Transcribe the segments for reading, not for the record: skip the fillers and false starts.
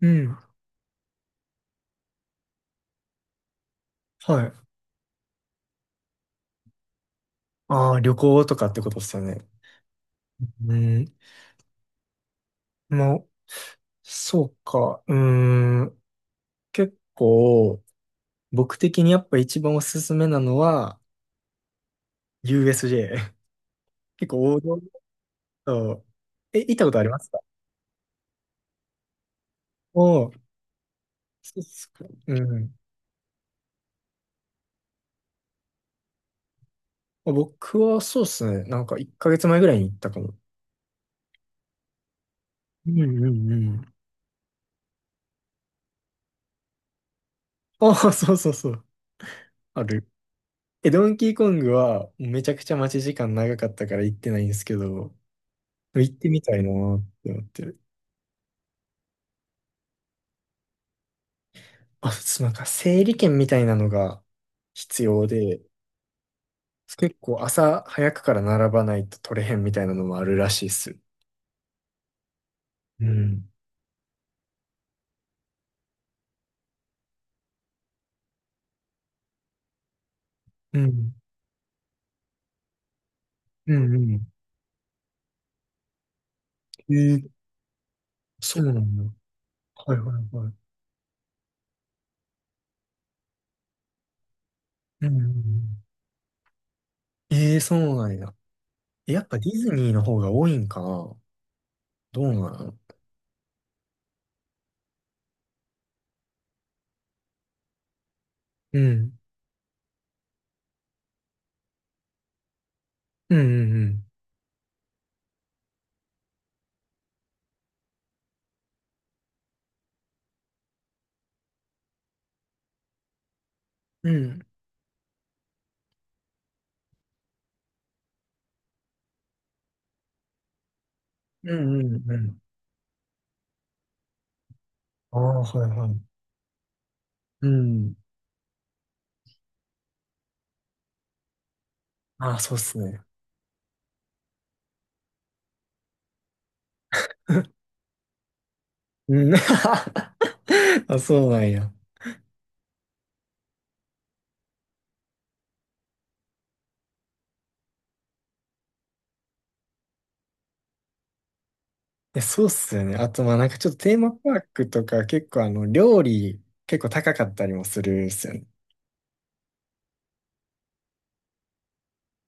うん。はい。ああ、旅行とかってことですよね。うん。まあ、そうか。うーん。結構、僕的にやっぱ一番おすすめなのは、USJ。結構王道と、行ったことありますか？おおー、そうっすか。うん。僕はそうっすね。なんか1ヶ月前ぐらいに行ったかも。うんうんうん。ああ、そうそうそう。ある。ドンキーコングはめちゃくちゃ待ち時間長かったから行ってないんですけど、行ってみたいなーって思ってる。あ、そう、なんか整理券みたいなのが必要で、結構朝早くから並ばないと取れへんみたいなのもあるらしいっす。うん。うん。うんうん。えー、そうなんだ。はいはいはい。うんうんうん。そうなんや。やっぱディズニーの方が多いんかな？どうなの？うん。うんうんうん。うん。うんうんうん。ああ、はいはい。うん。ああ、そうっすね。うん。あ、そうなんや。そうっすよね。あと、まあなんかちょっとテーマパークとか結構料理結構高かったりもするっすよね。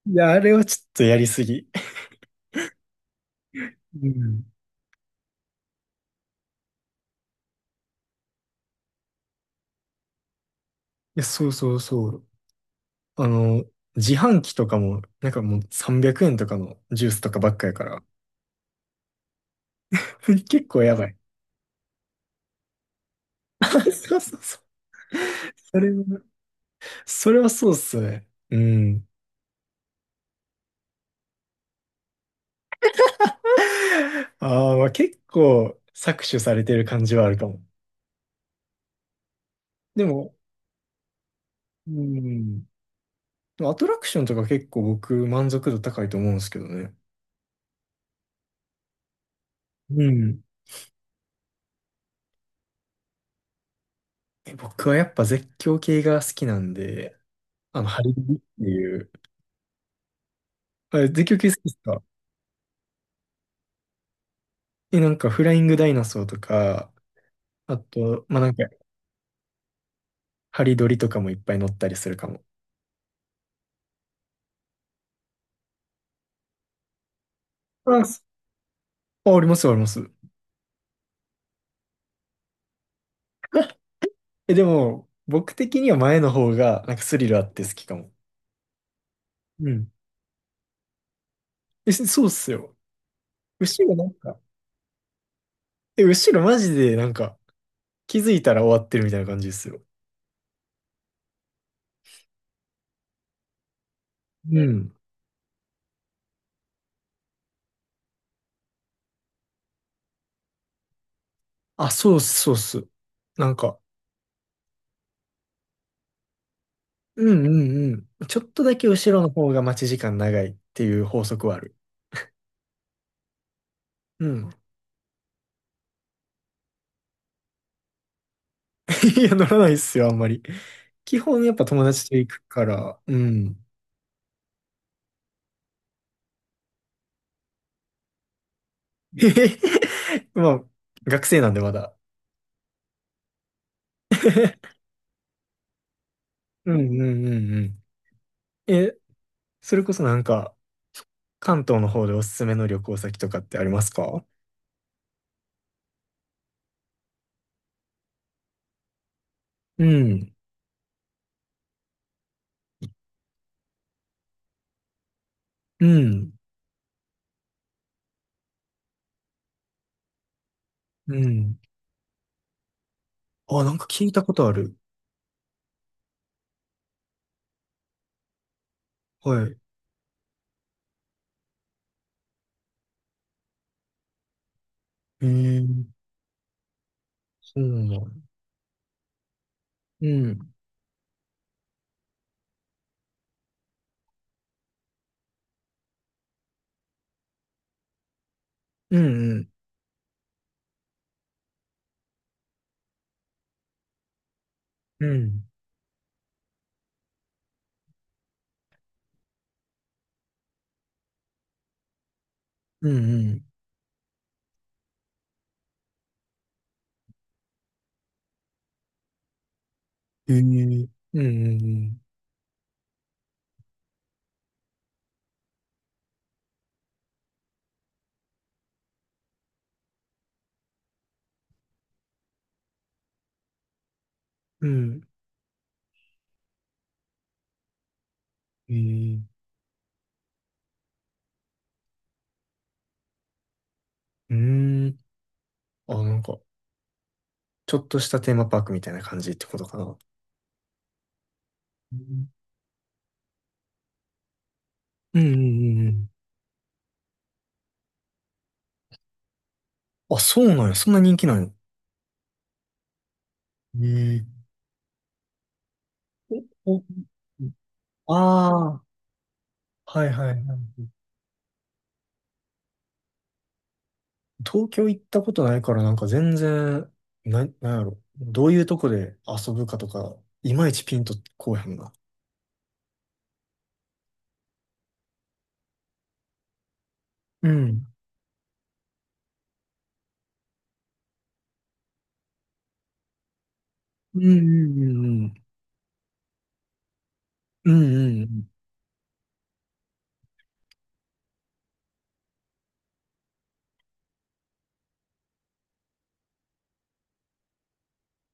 いや、あれはちょっとやりすぎ。うん。いや、そうそうそう。あの、自販機とかも、なんかもう300円とかのジュースとかばっかやから。結構やばい。そうそうそう。それは、それはそうっすね。うん。ああ、まあ結構搾取されてる感じはあるかも。でも、うん。でもアトラクションとか結構僕満足度高いと思うんですけどね。うん。僕はやっぱ絶叫系が好きなんで、ハリリっていう。あれ、絶叫系好きですか？なんかフライングダイナソーとか、あと、まあ、なんか、ハリドリとかもいっぱい乗ったりするかも。あ、すあ、ありますあります。でも、僕的には前の方が、なんかスリルあって好きかも。うん。そうっすよ。後ろなんか、後ろマジでなんか、気づいたら終わってるみたいな感じですよ。うん。あ、そうっす、そうっす。なんか、うんうんうん。ちょっとだけ後ろの方が待ち時間長いっていう法則はある。うん。いや、乗らないっすよ、あんまり。基本やっぱ友達と行くから、うん。まあ、学生なんでまだ。うんうんうんうん。え、それこそなんか、関東の方でおすすめの旅行先とかってありますか？うん、うん、うん。あ、なんか聞いたことある。はい。えー、そうなんだ。うん。うんうん。うん。うんうん。えー、うんうんうん。うん。えうんうんうんうんうん。あ、なんか、ちょっとしたテーマパークみたいな感じってことかな。うんうんうんうん。あ、そうなんや。そんな人気なんや。ええ。お、お、ああ、はいはいはい。東京行ったことないからなんか全然、なんやろ。どういうとこで遊ぶかとか、いまいちピンとこうへんな。うん。うんうんうん。うんうんうん。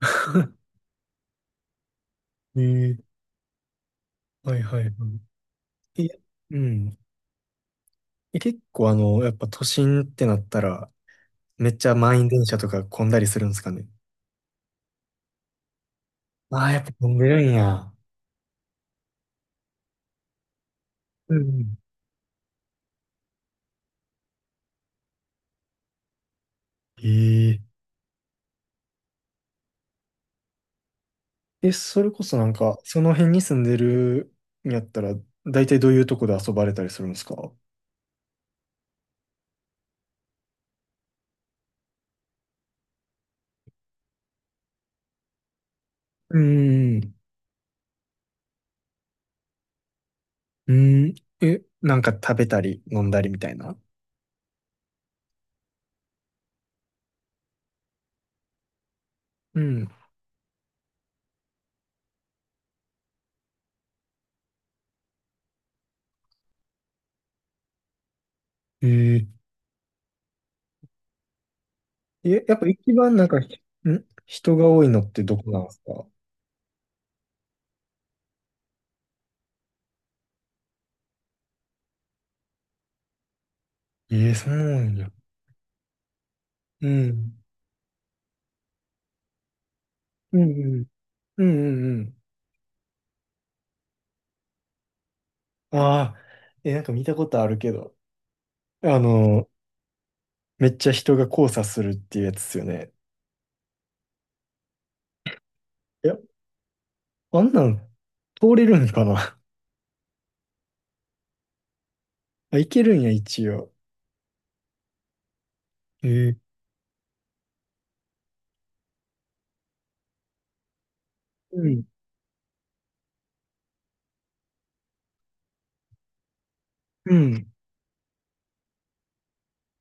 ええ。はいはいはい。いや、うん。結構やっぱ都心ってなったら、めっちゃ満員電車とか混んだりするんですかね？ああ、やっぱ混んでるんや。うんうん。えええ、それこそなんか、その辺に住んでるんやったら、大体どういうとこで遊ばれたりするんですか？うん。うん。なんか食べたり飲んだりみたいな。うん。えええ、やっぱ一番なんか、人が多いのってどこなんですか？ええ。そうなんや。うん。うんうん。うんうんうん。ああ、なんか見たことあるけど。あの、めっちゃ人が交差するっていうやつっすよね。いや、あんなん通れるんかな？ あ、いけるんや、一応。えー、うん。うん。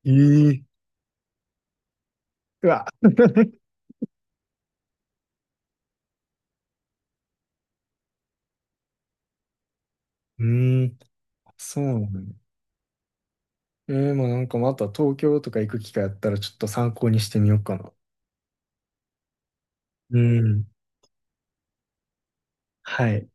えー、うわ。うーん、そうなのね。えー、まあなんかまた東京とか行く機会あったらちょっと参考にしてみようかな。うん。はい。